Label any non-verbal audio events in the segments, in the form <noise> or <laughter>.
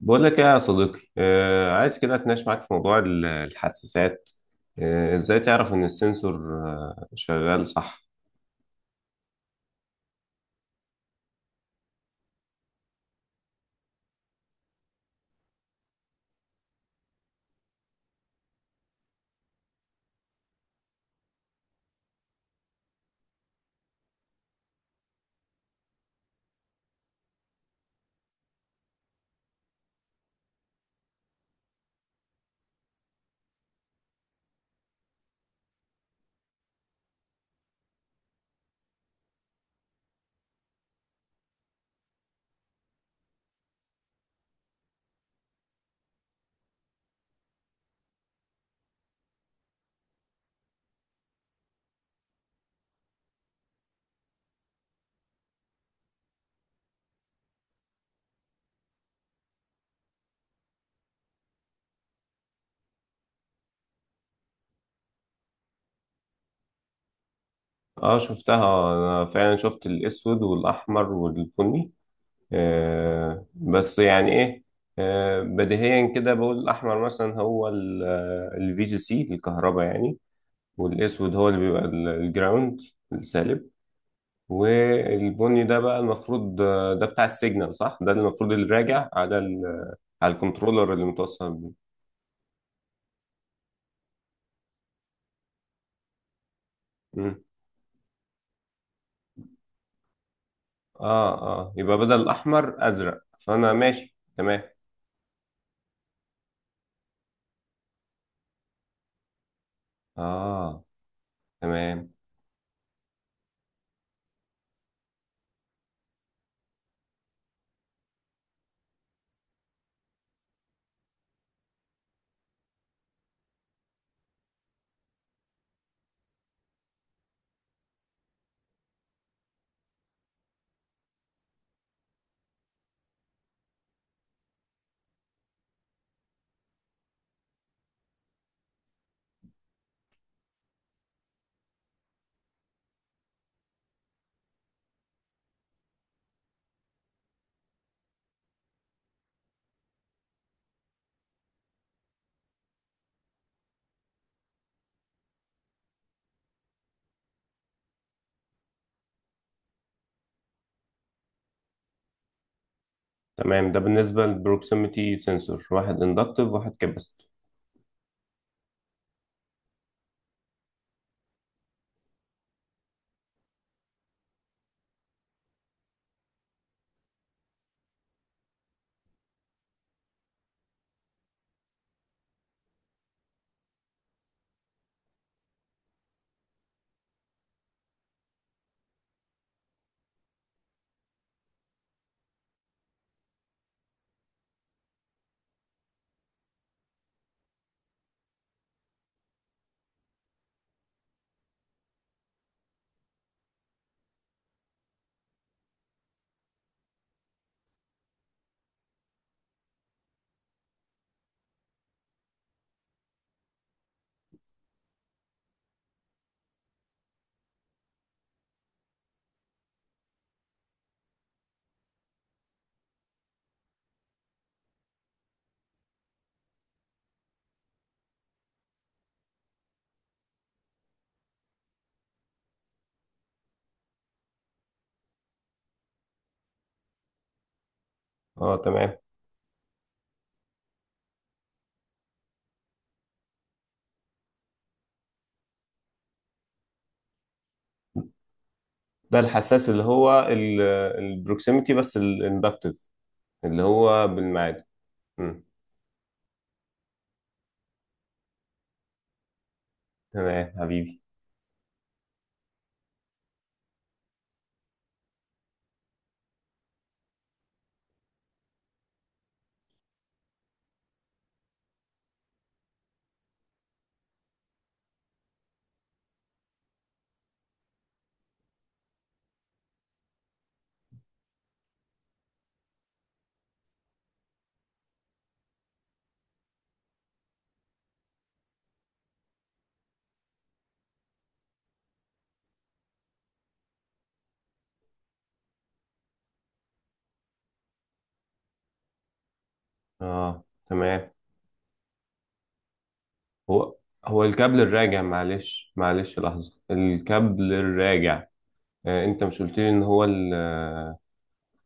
بقول لك ايه يا صديقي، عايز كده اتناقش معاك في موضوع الحساسات. ازاي تعرف ان السنسور شغال صح؟ اه، شفتها، انا فعلا شفت الاسود والاحمر والبني. بس يعني ايه، بديهيا كده بقول الاحمر مثلا هو الفي جي سي الكهرباء يعني، والاسود هو اللي بيبقى الجراوند السالب. والبني ده بقى المفروض، ده بتاع السيجنال صح، ده المفروض اللي راجع على الكنترولر اللي متوصل بيه. مم. اه اه، يبقى بدل الاحمر ازرق، فانا ماشي تمام. اه تمام. تمام، ده بالنسبه للبروكسيميتي سنسور، واحد اندكتيف واحد كاباسيتيف. اه تمام. ده الحساس اللي هو البروكسيميتي بس الاندكتيف، اللي هو بالميعاد. مم. تمام حبيبي. اه تمام. هو هو الكابل الراجع، معلش معلش لحظه، الكابل الراجع. انت مش قلت لي ان هو،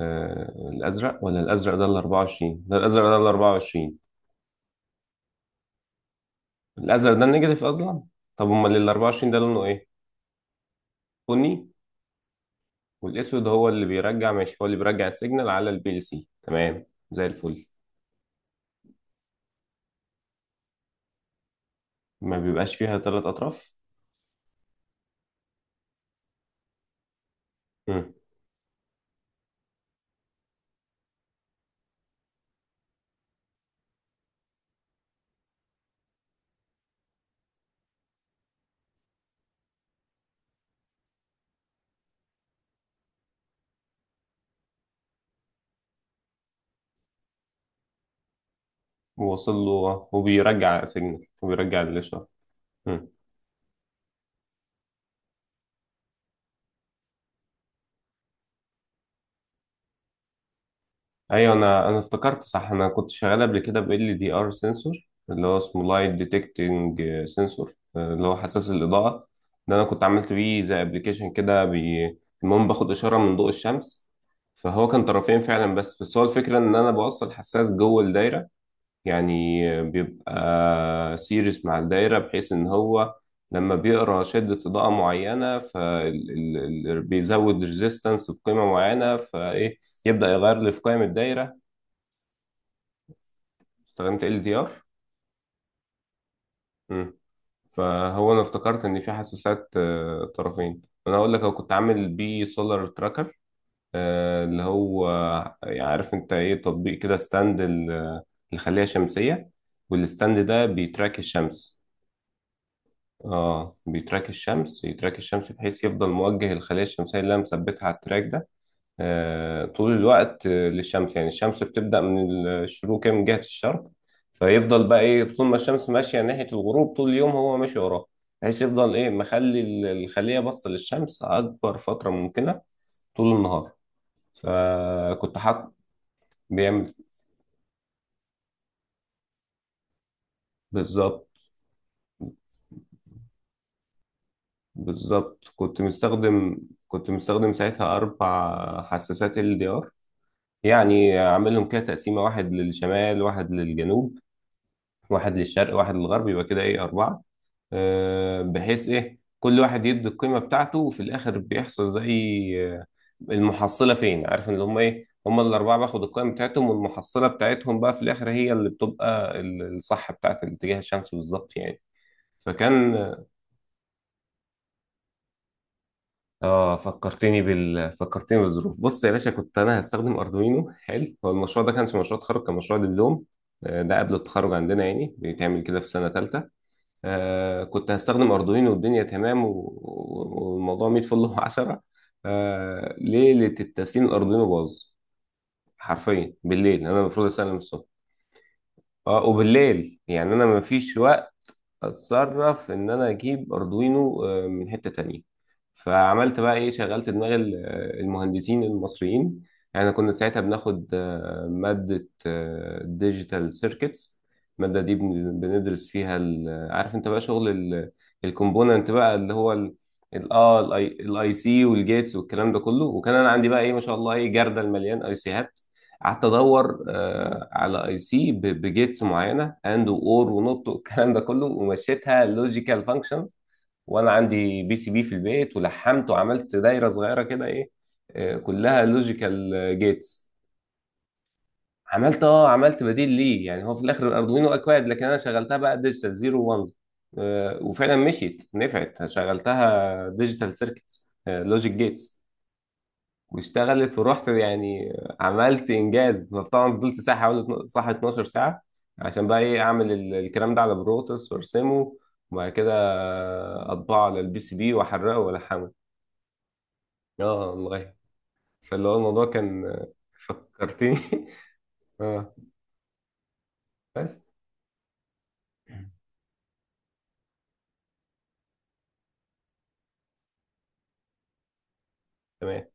الازرق؟ ولا الازرق ده ال 24؟ ده الازرق ده ال 24؟ الازرق ده النيجاتيف اصلا؟ طب امال ال 24 ده لونه ايه؟ بني؟ والاسود هو اللي بيرجع، ماشي، هو اللي بيرجع السيجنال على البي ال سي، تمام زي الفل. ما بيبقاش فيها ثلاث اطراف؟ امم. وصل له وبيرجع سيجنال وبيرجع الاشاره. ايوه، انا افتكرت صح. انا كنت شغال قبل كده ب ال دي ار سنسور، اللي هو اسمه لايت ديتكتنج سنسور، اللي هو حساس الاضاءه. ده انا كنت عملت بيه زي ابلكيشن كده، المهم باخد اشاره من ضوء الشمس. فهو كان طرفين فعلا، بس بس هو الفكره ان انا بوصل حساس جوه الدايره. يعني بيبقى سيريس مع الدايره، بحيث ان هو لما بيقرا شده اضاءه معينه، فبيزود ريزيستنس بقيمه معينه، فايه يبدأ يغير لي في قيم الدايرة. استخدمت ال دي ار. فهو انا افتكرت ان في حساسات، طرفين. انا اقول لك، انا كنت عامل بيه سولار تراكر، اللي هو، يعني عارف انت ايه، تطبيق كده، ستاند الخلية شمسية، والستاند ده بيتراك الشمس. اه بيتراك الشمس، يتراك الشمس، بحيث يفضل موجه الخلية الشمسية اللي انا مثبتها على التراك ده، طول الوقت، للشمس. يعني الشمس بتبدأ من الشروق كده من جهة الشرق، فيفضل بقى ايه، طول ما الشمس ماشية ناحية الغروب طول اليوم هو ماشي وراها، بحيث يفضل ايه، مخلي الخلية باصة للشمس أكبر فترة ممكنة، طول النهار. فكنت حاط. بيعمل. بالظبط. بالظبط كنت مستخدم، كنت مستخدم ساعتها أربع حساسات ال دي ار، يعني عاملهم كده تقسيمة، واحد للشمال واحد للجنوب واحد للشرق واحد للغرب، يبقى كده ايه، أربعة. بحيث ايه كل واحد يدي القيمة بتاعته، وفي الاخر بيحصل زي، آه، المحصلة فين، عارف ان هم ايه، هم الاربعة باخد القيمة بتاعتهم، والمحصلة بتاعتهم بقى في الاخر هي اللي بتبقى الصح بتاعت الاتجاه الشمسي بالظبط يعني. فكان، اه، فكرتني بالظروف. بص يا باشا، كنت انا هستخدم اردوينو. حلو، هو المشروع ده كانش مشروع تخرج، كان مشروع دبلوم، ده قبل التخرج عندنا، يعني بيتعمل كده في سنة تالتة. كنت هستخدم أردوينو والدنيا تمام، والموضوع 100 فل و10 <laughs> آه، ليلة التسليم الأردوينو باظ، حرفيا بالليل، أنا المفروض أسلم الصبح. اه، وبالليل يعني أنا مفيش وقت. اتصرف ان انا اجيب اردوينو، من حتة تانية. فعملت بقى ايه، شغلت دماغ المهندسين المصريين. يعني كنا ساعتها بناخد، مادة ديجيتال سيركتس. المادة دي بندرس فيها عارف انت بقى شغل الكومبوننت بقى اللي هو الاي سي والجيتس والكلام ده كله. وكان انا عندي بقى ايه، ما شاء الله، ايه جردل مليان اي سيهات. قعدت ادور، على اي سي بجيتس معينه، اند واور ونوت والكلام ده كله، ومشيتها لوجيكال فانكشنز. وانا عندي بي سي بي في البيت ولحمت وعملت دايره صغيره كده، ايه، كلها لوجيكال جيتس. عملت بديل ليه، يعني هو في الاخر الاردوينو اكواد، لكن انا شغلتها بقى ديجيتال زيرو وانز. وفعلا مشيت، نفعت، شغلتها ديجيتال سيركت لوجيك جيتس، واشتغلت ورحت يعني. عملت انجاز. فطبعا فضلت ساعه حوالي صح 12 ساعه، عشان بقى ايه، اعمل الكلام ده على بروتوس وارسمه، وبعد كده اطبعه على البي سي بي واحرقه والحمه. اه والله. فاللي هو الموضوع كان. فكرتني <laughs> اه بس. تمام،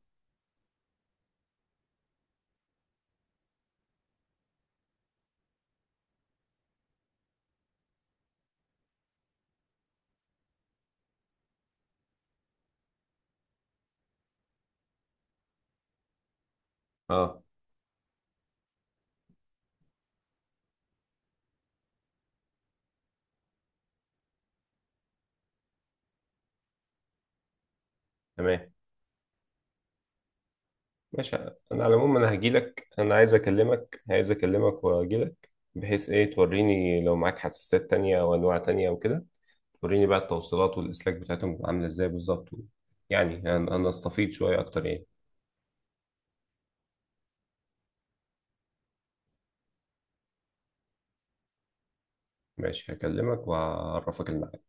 اه تمام، ماشي. انا على العموم انا هجيلك. انا عايز اكلمك عايز اكلمك واجيلك، بحيث ايه توريني لو معاك حساسات تانية او انواع تانية او كده. وريني بقى التوصيلات والاسلاك بتاعتهم بتبقى عامله ازاي بالظبط، يعني انا استفيد شويه اكتر يعني. ماشي هكلمك وهعرفك الميعاد.